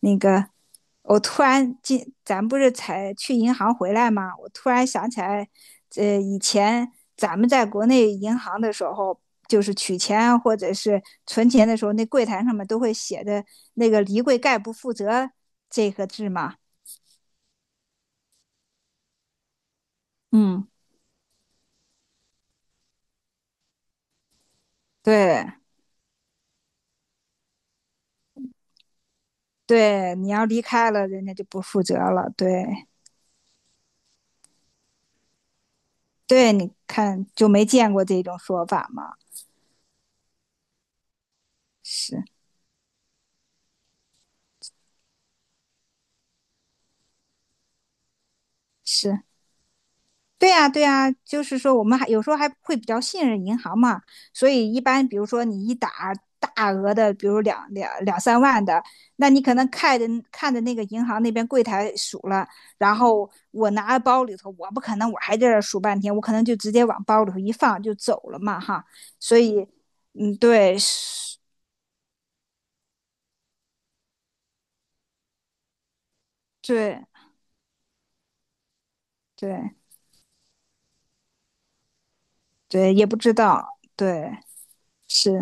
那个，我突然进，咱不是才去银行回来吗？我突然想起来，以前咱们在国内银行的时候，就是取钱或者是存钱的时候，那柜台上面都会写的那个"离柜概不负责"这个字嘛。嗯，对对，你要离开了，人家就不负责了。对对，你看就没见过这种说法嘛？是是，对呀，对呀，就是说我们还有时候还会比较信任银行嘛，所以一般比如说你一打大额的，比如两三万的，那你可能看着看着那个银行那边柜台数了，然后我拿包里头，我不可能还在这儿数半天，我可能就直接往包里头一放就走了嘛哈，所以对，是，对对对，也不知道，对，是。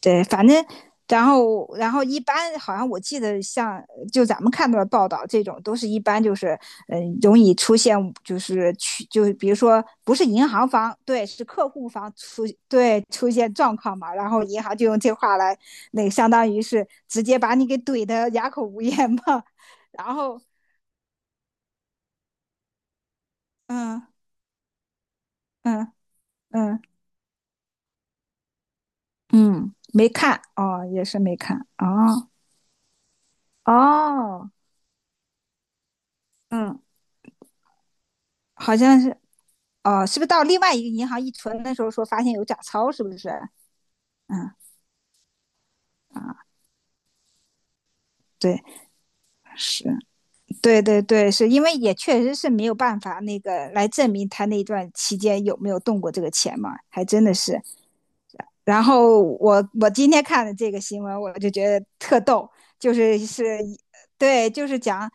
对，反正然后一般好像我记得像就咱们看到的报道，这种都是一般就是容易出现就是去就是比如说不是银行方，对，是客户方，对，出现状况嘛，然后银行就用这话来那个相当于是直接把你给怼的哑口无言嘛。然后嗯嗯嗯嗯，没看哦，也是没看哦。哦，嗯，好像是。哦，是不是到另外一个银行一存的时候说发现有假钞，是不是？嗯啊，对，是，对对对，是因为也确实是没有办法那个来证明他那段期间有没有动过这个钱嘛，还真的是。然后我今天看的这个新闻，我就觉得特逗，就是，对，就是讲，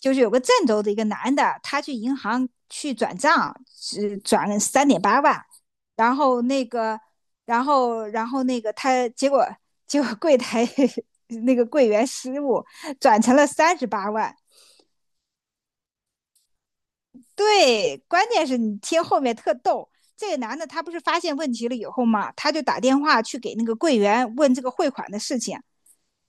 就是有个郑州的一个男的，他去银行去转账，是转了三点八万。然后那个，然后那个他结果柜台 那个柜员失误，转成了38万。对，关键是你听后面特逗。这个男的他不是发现问题了以后嘛，他就打电话去给那个柜员问这个汇款的事情，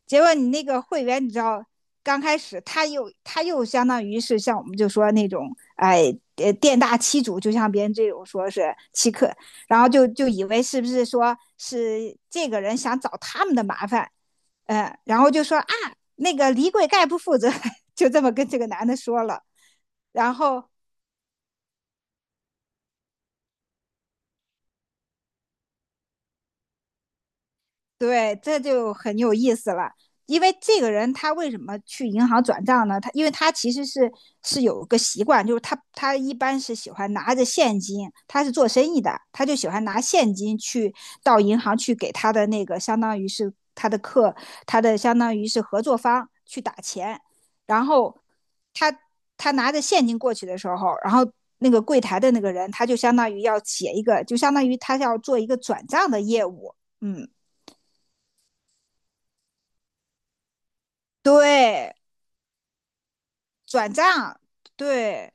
结果你那个会员，你知道，刚开始他又相当于是像我们就说那种，哎，店大欺主，就像别人这种说是欺客，然后就以为是不是说是这个人想找他们的麻烦，嗯，然后就说啊，那个李贵概不负责，就这么跟这个男的说了。然后对，这就很有意思了。因为这个人他为什么去银行转账呢？他因为他其实是有个习惯，就是他一般是喜欢拿着现金，他是做生意的，他就喜欢拿现金去到银行去给他的那个相当于是他的客，他的相当于是合作方去打钱，然后他他拿着现金过去的时候，然后那个柜台的那个人他就相当于要写一个，就相当于他要做一个转账的业务。嗯。对，转账，对，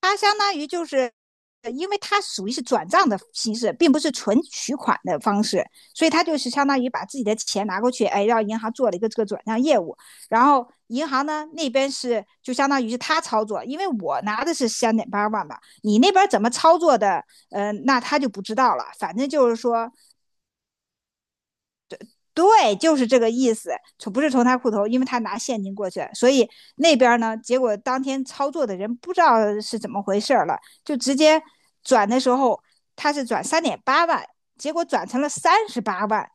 它相当于就是，因为它属于是转账的形式，并不是纯取款的方式，所以它就是相当于把自己的钱拿过去，哎，让银行做了一个这个转账业务，然后银行呢那边是就相当于是他操作，因为我拿的是三点八万嘛，你那边怎么操作的，那他就不知道了，反正就是说对，就是这个意思，从不是从他裤头，因为他拿现金过去，所以那边呢，结果当天操作的人不知道是怎么回事了，就直接转的时候他是转三点八万，结果转成了三十八万。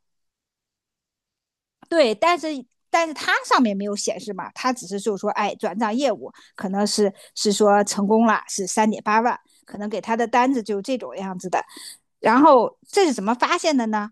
对，但是他上面没有显示嘛，他只是就是说，哎，转账业务可能是说成功了，是三点八万，可能给他的单子就这种样子的。然后这是怎么发现的呢？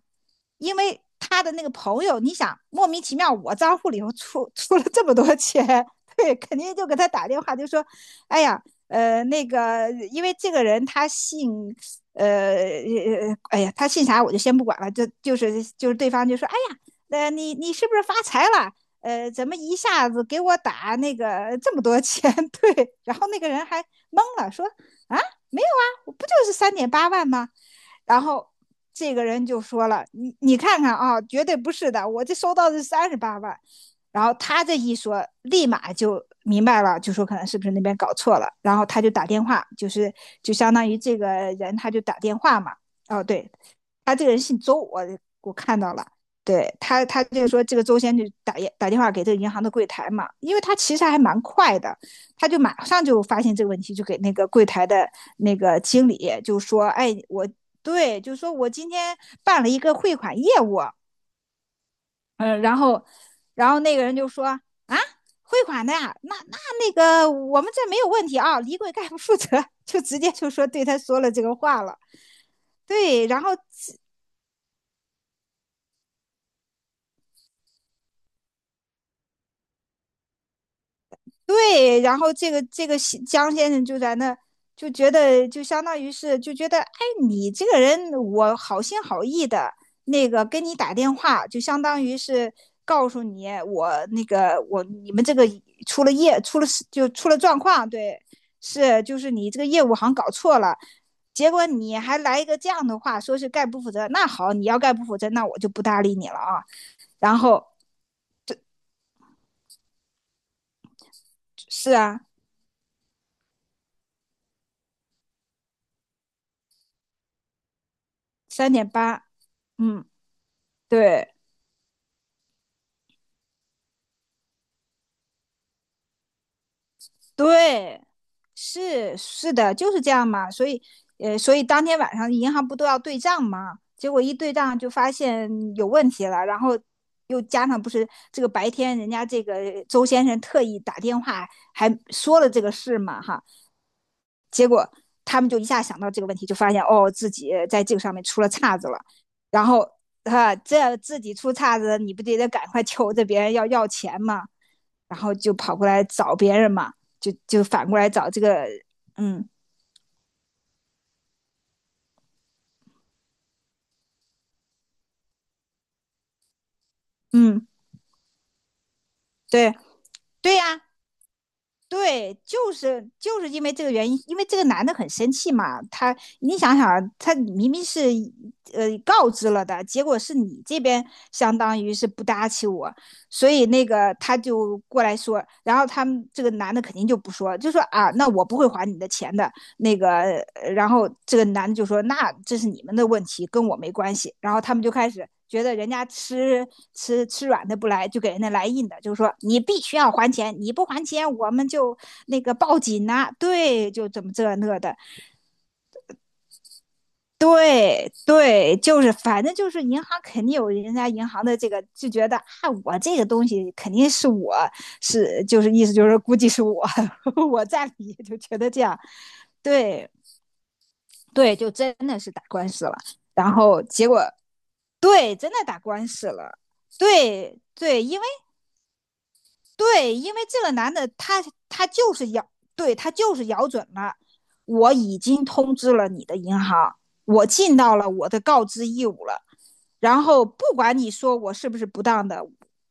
因为他的那个朋友，你想莫名其妙，我账户里头出了这么多钱。对，肯定就给他打电话，就说，哎呀，那个，因为这个人他姓，呃，哎呀，他姓啥我就先不管了，就是对方就说，哎呀，你是不是发财了？怎么一下子给我打那个这么多钱？对，然后那个人还懵了，说啊，没有啊，我不就是三点八万吗？然后这个人就说了："你看看啊，绝对不是的，我这收到的是三十八万。"然后他这一说，立马就明白了，就说可能是不是那边搞错了。然后他就打电话，就是就相当于这个人他就打电话嘛。哦，对，他这个人姓周，我看到了。对，他就说这个周先就打电话给这个银行的柜台嘛，因为他其实还蛮快的，他就马上就发现这个问题，就给那个柜台的那个经理就说："哎，我对，就说我今天办了一个汇款业务，然后，那个人就说啊，汇款的呀，那个我们这没有问题啊，李贵概不负责，就直接就说对他说了这个话了。对，然后对，然后这个江先生就在那就觉得就相当于是就觉得，哎，你这个人我好心好意的那个跟你打电话，就相当于是告诉你我那个我你们这个出了事就出了状况，对，是就是你这个业务好像搞错了。结果你还来一个这样的话，说是概不负责，那好，你要概不负责，那我就不搭理你了啊。然后是啊，三点八，嗯，对。对，是是的，就是这样嘛。所以，所以当天晚上银行不都要对账嘛？结果一对账就发现有问题了，然后又加上不是这个白天人家这个周先生特意打电话还说了这个事嘛，哈。结果他们就一下想到这个问题，就发现哦自己在这个上面出了岔子了，然后哈、这自己出岔子，你不得赶快求着别人要钱嘛？然后就跑过来找别人嘛，就反过来找这个，嗯嗯，对对呀、啊对，就是因为这个原因，因为这个男的很生气嘛，他你想想啊，他明明是告知了的，结果是你这边相当于是不搭起我，所以那个他就过来说，然后他们这个男的肯定就不说，就说啊，那我不会还你的钱的，那个，然后这个男的就说："那这是你们的问题，跟我没关系。"然后他们就开始觉得人家吃软的不来，就给人家来硬的，就是说你必须要还钱，你不还钱我们就那个报警呐、对，就怎么这那的，对对，就是反正就是银行肯定有人家银行的这个就觉得啊，我这个东西肯定是我是就是意思就是估计是我 我占理，就觉得这样，对。对，就真的是打官司了。然后结果对，真的打官司了。对对，因为对，因为这个男的他就是咬，对他就是咬准了，我已经通知了你的银行，我尽到了我的告知义务了。然后不管你说我是不是不当的。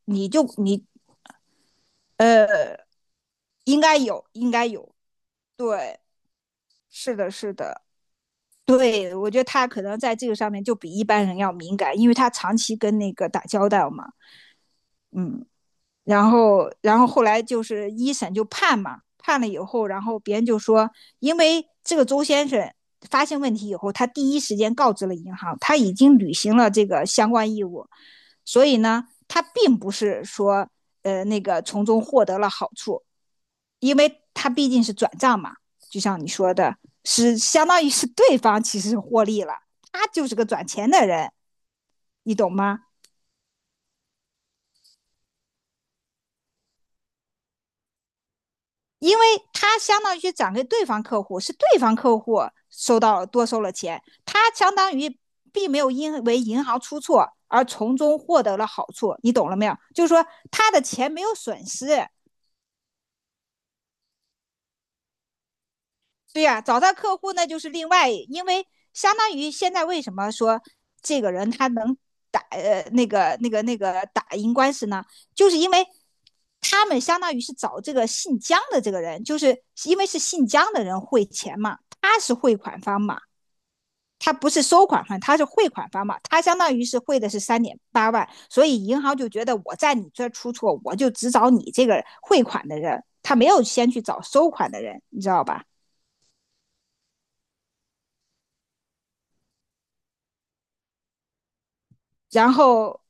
你就你呃，应该有，应该有。对，是的，是的。对，我觉得他可能在这个上面就比一般人要敏感，因为他长期跟那个打交道嘛。嗯。然后，后来就是一审就判嘛，判了以后，然后别人就说，因为这个周先生发现问题以后，他第一时间告知了银行，他已经履行了这个相关义务，所以呢，他并不是说，那个从中获得了好处，因为他毕竟是转账嘛，就像你说的，是相当于是对方其实获利了，他就是个转钱的人，你懂吗？因为他相当于转给对方客户，是对方客户收到多收了钱，他相当于并没有因为银行出错而从中获得了好处，你懂了没有？就是说他的钱没有损失。对呀、找到客户那就是另外，因为相当于现在为什么说这个人他能打呃那个那个那个打赢官司呢？就是因为他们相当于是找这个姓姜的这个人，就是因为是姓姜的人汇钱嘛，他是汇款方嘛，他不是收款方，他是汇款方嘛，他相当于是汇的是三点八万，所以银行就觉得我在你这出错，我就只找你这个汇款的人，他没有先去找收款的人，你知道吧？然后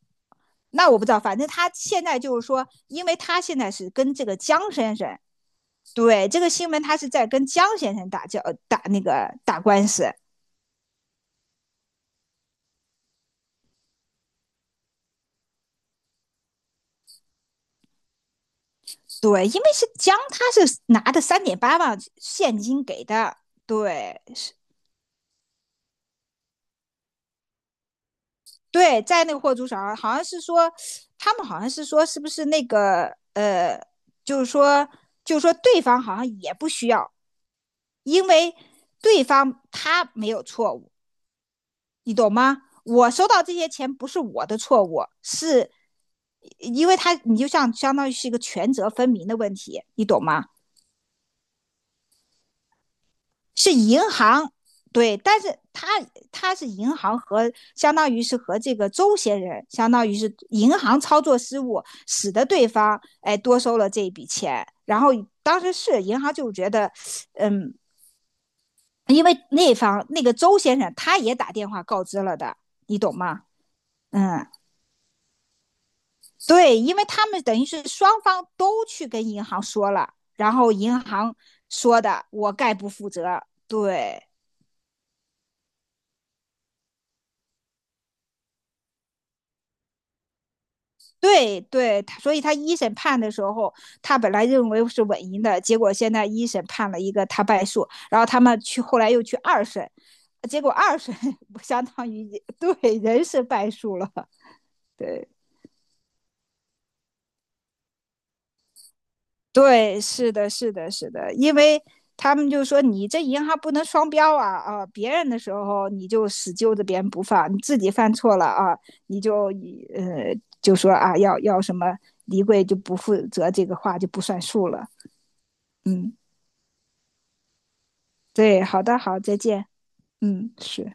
那我不知道，反正他现在就是说，因为他现在是跟这个江先生，对这个新闻他是在跟江先生打那个打官司，对，因为是江他是拿的三点八万现金给的，对对，在那个货主手上，好像是说，他们好像是说是不是那个就是说对方好像也不需要，因为对方他没有错误。你懂吗？我收到这些钱不是我的错误，是因为他你就像相当于是一个权责分明的问题，你懂吗？是银行。对，但是他是银行和相当于是和这个周先生，相当于是银行操作失误，使得对方哎多收了这一笔钱，然后当时是银行就觉得。嗯。因为那方那个周先生他也打电话告知了的，你懂吗？嗯。对，因为他们等于是双方都去跟银行说了，然后银行说的我概不负责。对，对，对，他所以他一审判的时候，他本来认为是稳赢的，结果现在一审判了一个他败诉，然后他们去后来又去二审，结果二审 相当于对人是败诉了。对，对，是的，是的，是的，因为他们就说你这银行不能双标啊啊！别人的时候你就死揪着别人不放，你自己犯错了啊，你就呃就说啊要什么离柜就不负责这个话就不算数了。嗯。对，好的，好，再见。嗯，是。